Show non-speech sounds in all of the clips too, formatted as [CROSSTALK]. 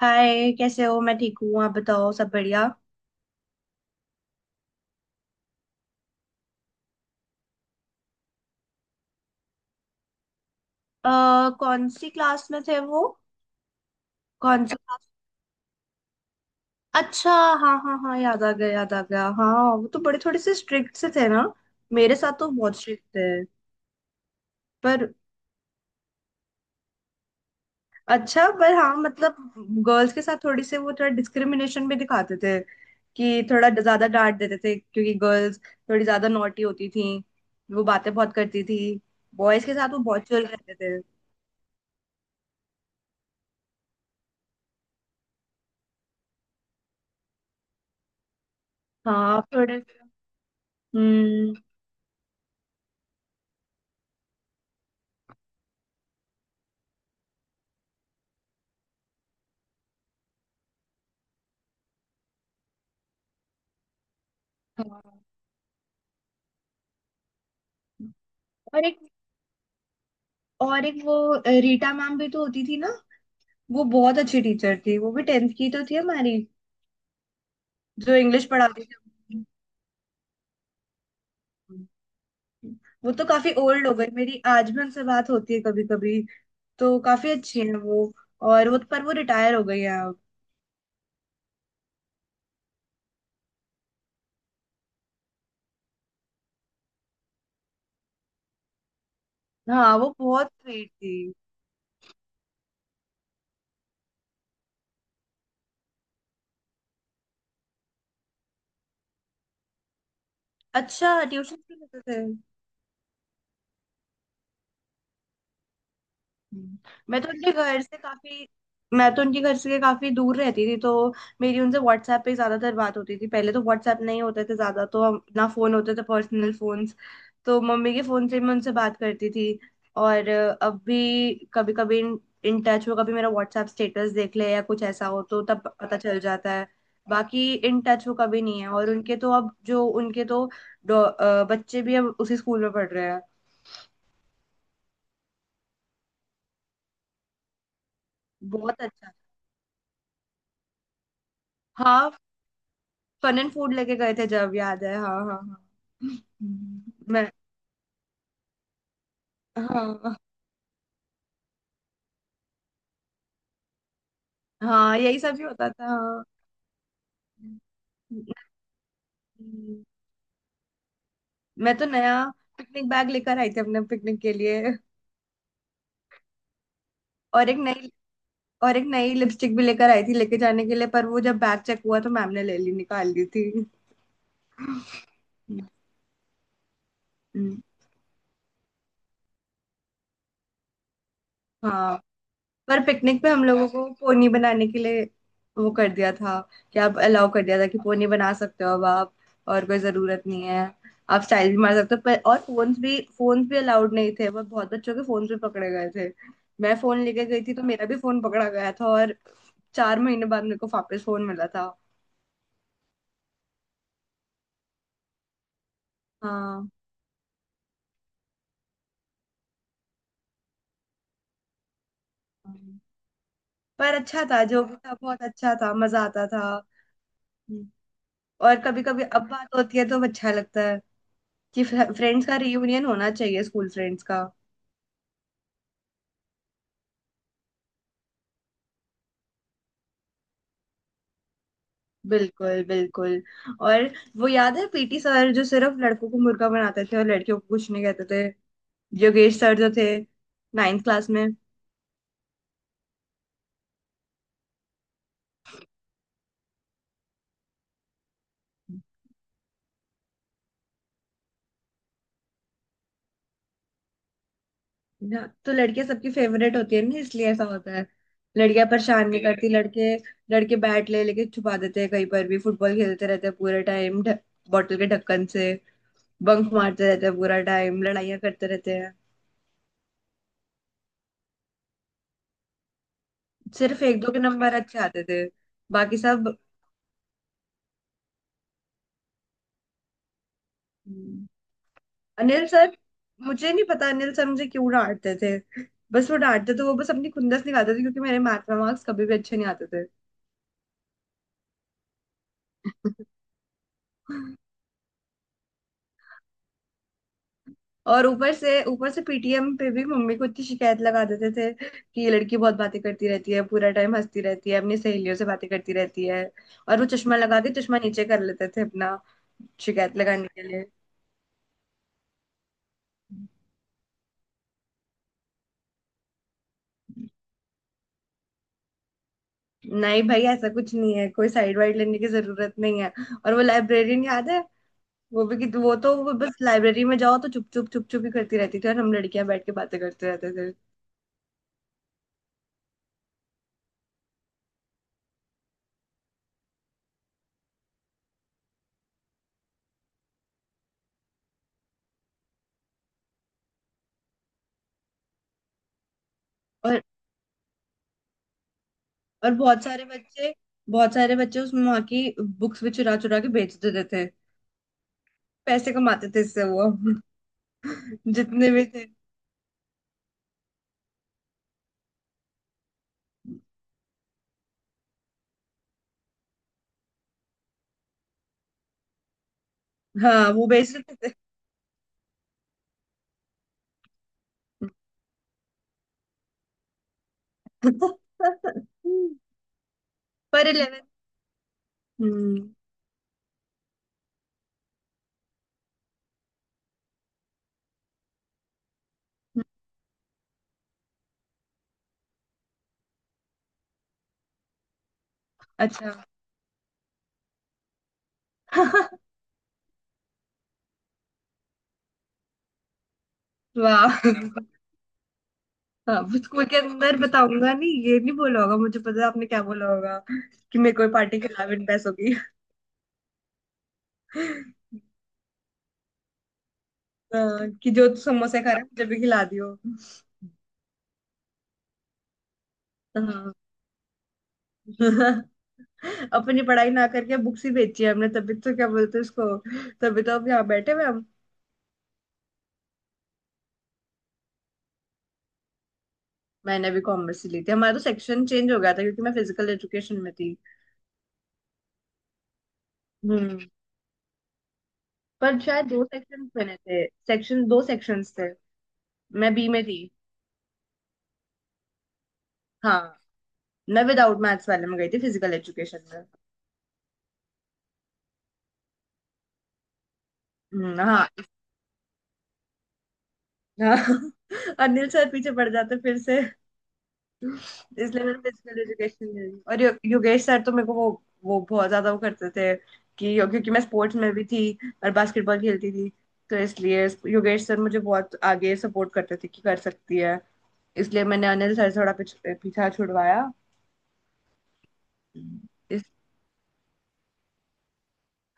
हाय, कैसे हो? मैं ठीक हूँ। आप बताओ, सब बढ़िया? अ कौन सी क्लास में थे वो? कौन सी क्लास अच्छा, हाँ हाँ हाँ, याद आ गया, याद आ गया। हाँ, वो तो बड़े थोड़े से स्ट्रिक्ट से थे ना। मेरे साथ तो बहुत स्ट्रिक्ट थे। पर अच्छा, पर हाँ, मतलब, गर्ल्स के साथ थोड़ी से वो थोड़ा डिस्क्रिमिनेशन भी दिखाते थे। कि थोड़ा ज्यादा डांट देते थे, क्योंकि गर्ल्स थोड़ी ज्यादा नॉटी होती थी। वो बातें बहुत करती थी। बॉयज के साथ वो बहुत चिल रहते थे। हाँ, थोड़े। हम्म। हाँ। और एक, रीटा मैम भी तो होती थी ना। वो बहुत अच्छी टीचर थी। वो भी टेंथ की तो थी हमारी। जो इंग्लिश पढ़ाती थी। वो तो काफी ओल्ड हो गई मेरी। आज भी उनसे बात होती है कभी कभी। तो काफी अच्छी है वो। पर वो रिटायर हो गई है अब। हाँ, वो बहुत स्वीट थी। अच्छा, ट्यूशन भी लेते थे। हम्म। मैं तो उनके घर से काफी मैं तो उनके घर से काफी दूर रहती थी। तो मेरी उनसे व्हाट्सएप पे ही ज्यादातर बात होती थी। पहले तो व्हाट्सएप नहीं होते थे ज्यादा। ना, फोन होते थे पर्सनल फोन्स। तो मम्मी के फोन से मैं उनसे बात करती थी। और अब भी कभी कभी इन टच हो। कभी मेरा व्हाट्सएप स्टेटस देख ले या कुछ ऐसा हो तो तब पता चल जाता है। बाकी इन टच हो कभी नहीं है। उनके तो बच्चे भी अब उसी स्कूल में पढ़ रहे हैं। बहुत अच्छा। हाँ, फन एंड फूड लेके गए थे जब। याद है, हाँ हाँ हाँ। मैं। हाँ हाँ, यही सब ही होता था। हाँ, हम्म, मैं तो नया पिकनिक बैग लेकर आई थी अपने पिकनिक के लिए। और एक नई और एक नई लिपस्टिक भी लेकर आई थी लेके जाने के लिए। पर वो जब बैग चेक हुआ तो मैम ने ले ली, निकाल ली थी। [LAUGHS] हम्म, हाँ। पर पिकनिक पे हम लोगों को पोनी बनाने के लिए वो कर दिया था। कि आप अलाउ कर दिया था, कि पोनी बना सकते हो अब आप। और कोई जरूरत नहीं है। आप स्टाइल भी मार सकते हो पर। और फोन्स भी अलाउड नहीं थे। वो बहुत बच्चों के फोन भी पकड़े गए थे। मैं फोन लेके गई थी तो मेरा भी फोन पकड़ा गया था। और 4 महीने बाद मेरे को वापस फोन मिला था। हाँ, पर अच्छा था जो भी था। बहुत अच्छा था, मजा आता था। हम्म। और कभी कभी अब बात होती है तो अच्छा लगता है, कि फ्रेंड्स का रियूनियन होना चाहिए, स्कूल फ्रेंड्स का। बिल्कुल, बिल्कुल। और वो याद है पीटी सर, जो सिर्फ लड़कों को मुर्गा बनाते थे और लड़कियों को कुछ नहीं कहते थे। योगेश सर जो थे नाइन्थ क्लास में। ना, तो लड़कियां सबकी फेवरेट होती है ना, इसलिए ऐसा होता है। लड़कियां परेशान नहीं करती। लड़के, लड़के बैट ले लेके छुपा देते हैं कहीं पर भी। फुटबॉल खेलते रहते हैं पूरे टाइम। बॉटल के ढक्कन से बंक मारते रहते हैं पूरा टाइम। लड़ाइयां करते रहते हैं। सिर्फ एक दो के नंबर अच्छे आते थे, बाकी सब। अनिल सर, मुझे नहीं पता अनिल सर मुझे क्यों डांटते थे। बस वो डांटते थे। वो बस अपनी खुंदस निकालते थे, क्योंकि मेरे मैथ में मार्क्स कभी भी अच्छे नहीं आते थे। [LAUGHS] और ऊपर से पीटीएम पे भी मम्मी को इतनी शिकायत लगा देते थे कि ये लड़की बहुत बातें करती रहती है पूरा टाइम, हंसती रहती है, अपनी सहेलियों से बातें करती रहती है। और वो चश्मा लगा के, चश्मा नीचे कर लेते थे अपना, शिकायत लगाने के लिए। नहीं भाई, ऐसा कुछ नहीं है। कोई साइड वाइड लेने की जरूरत नहीं है। और वो लाइब्रेरियन याद है? वो भी कि वो तो वो बस, लाइब्रेरी में जाओ तो चुप चुप चुप चुप ही करती रहती थी। और हम लड़कियां बैठ के बातें करते रहते थे। और बहुत सारे बच्चे, उसमें वहां की बुक्स भी चुरा चुरा के बेच देते थे। पैसे कमाते थे इससे वो। [LAUGHS] जितने भी थे। हाँ, वो बेच देते थे। [LAUGHS] पर इलेवन। हम्म। अच्छा। [LAUGHS] वाह। हाँ, वो स्कूल के अंदर बताऊंगा नहीं, ये नहीं बोला होगा। मुझे पता है आपने क्या बोला होगा। कि मेरे को पार्टी के अलावा पैसों की। [LAUGHS] हाँ, कि जो समोसे खा रहा है मुझे भी खिला दियो। हाँ। [LAUGHS] अपनी पढ़ाई ना करके बुक्स ही बेची है हमने, तभी तो क्या बोलते हैं उसको। तभी तो अब यहाँ बैठे हुए हम। मैंने भी कॉमर्स ही ली थी। हमारा तो सेक्शन चेंज हो गया था, क्योंकि मैं फिजिकल एजुकेशन में थी। हम्म। पर शायद दो सेक्शन बने थे। सेक्शन दो सेक्शंस थे। मैं बी में थी। हाँ। मैं विदाउट मैथ्स वाले में गई थी, फिजिकल एजुकेशन में। हाँ, हाँ। [LAUGHS] अनिल सर पीछे पड़ जाते फिर से। इसलिए मैंने फिजिकल एजुकेशन ले ली। और योगेश सर तो मेरे को वो बहुत ज्यादा वो करते थे, कि क्योंकि मैं स्पोर्ट्स में भी थी और बास्केटबॉल खेलती थी। तो इसलिए योगेश सर मुझे बहुत आगे सपोर्ट करते थे कि कर सकती है। इसलिए मैंने अनिल सर से थोड़ा पीछा छुड़वाया। इस,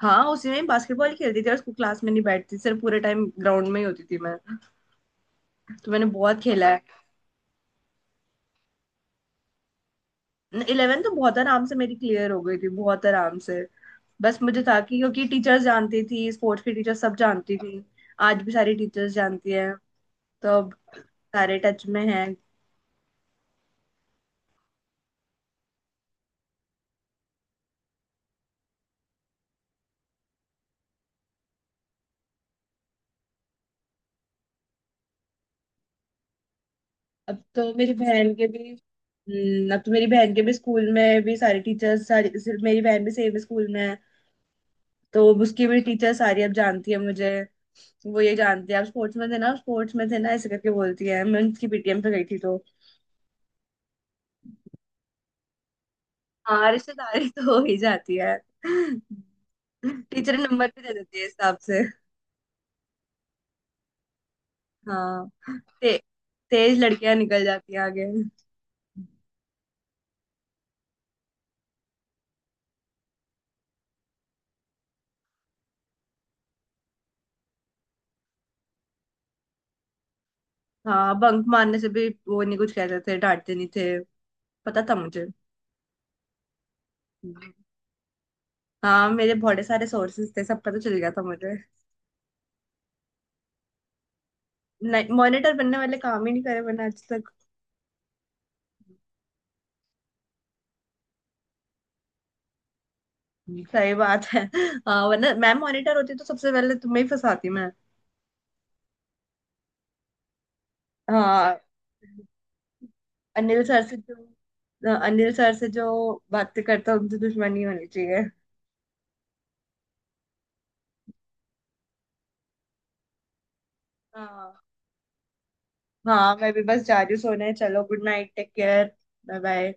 हाँ, उसी में बास्केटबॉल खेलती थी। और उसको क्लास में नहीं बैठती, सिर्फ पूरे टाइम ग्राउंड में ही होती थी मैं। तो मैंने बहुत खेला है। इलेवन तो बहुत आराम से मेरी क्लियर हो गई थी, बहुत आराम से। बस मुझे था कि, क्योंकि टीचर्स जानती थी, स्पोर्ट्स की टीचर सब जानती थी। आज भी सारी टीचर्स जानती हैं। तो अब सारे टच में हैं। अब तो मेरी बहन के भी स्कूल में भी सारी टीचर्स सारी, सिर्फ मेरी बहन भी सेम स्कूल में है। तो अब उसकी भी टीचर सारी अब जानती है मुझे। वो ये जानती है, आप स्पोर्ट्स में थे ना, स्पोर्ट्स में थे ना, ऐसे करके बोलती है। मैं उसकी पीटीएम पे गई थी तो। हाँ, रिश्तेदारी तो हो ही जाती है। [LAUGHS] टीचर नंबर भी दे देती है इस हिसाब से। हाँ, ते, तेज लड़कियां निकल जाती हैं आगे। हाँ, बंक मारने से भी वो नहीं कुछ कहते थे। डांटते नहीं थे। पता था मुझे। हाँ, मेरे बहुत सारे सोर्सेस थे, सब पता चल गया था मुझे। नहीं, मॉनिटर बनने वाले काम ही नहीं करे मैंने आज तक। सही बात है। हाँ, वरना मैम मॉनिटर होती तो सबसे पहले तुम्हें ही फंसाती मैं। हाँ अनिल सर से जो हाँ, अनिल सर से जो बातें करता उनसे दुश्मनी होनी चाहिए। हाँ। हाँ, मैं भी बस जा रही हूँ सोने। चलो, good night, take care. Bye bye.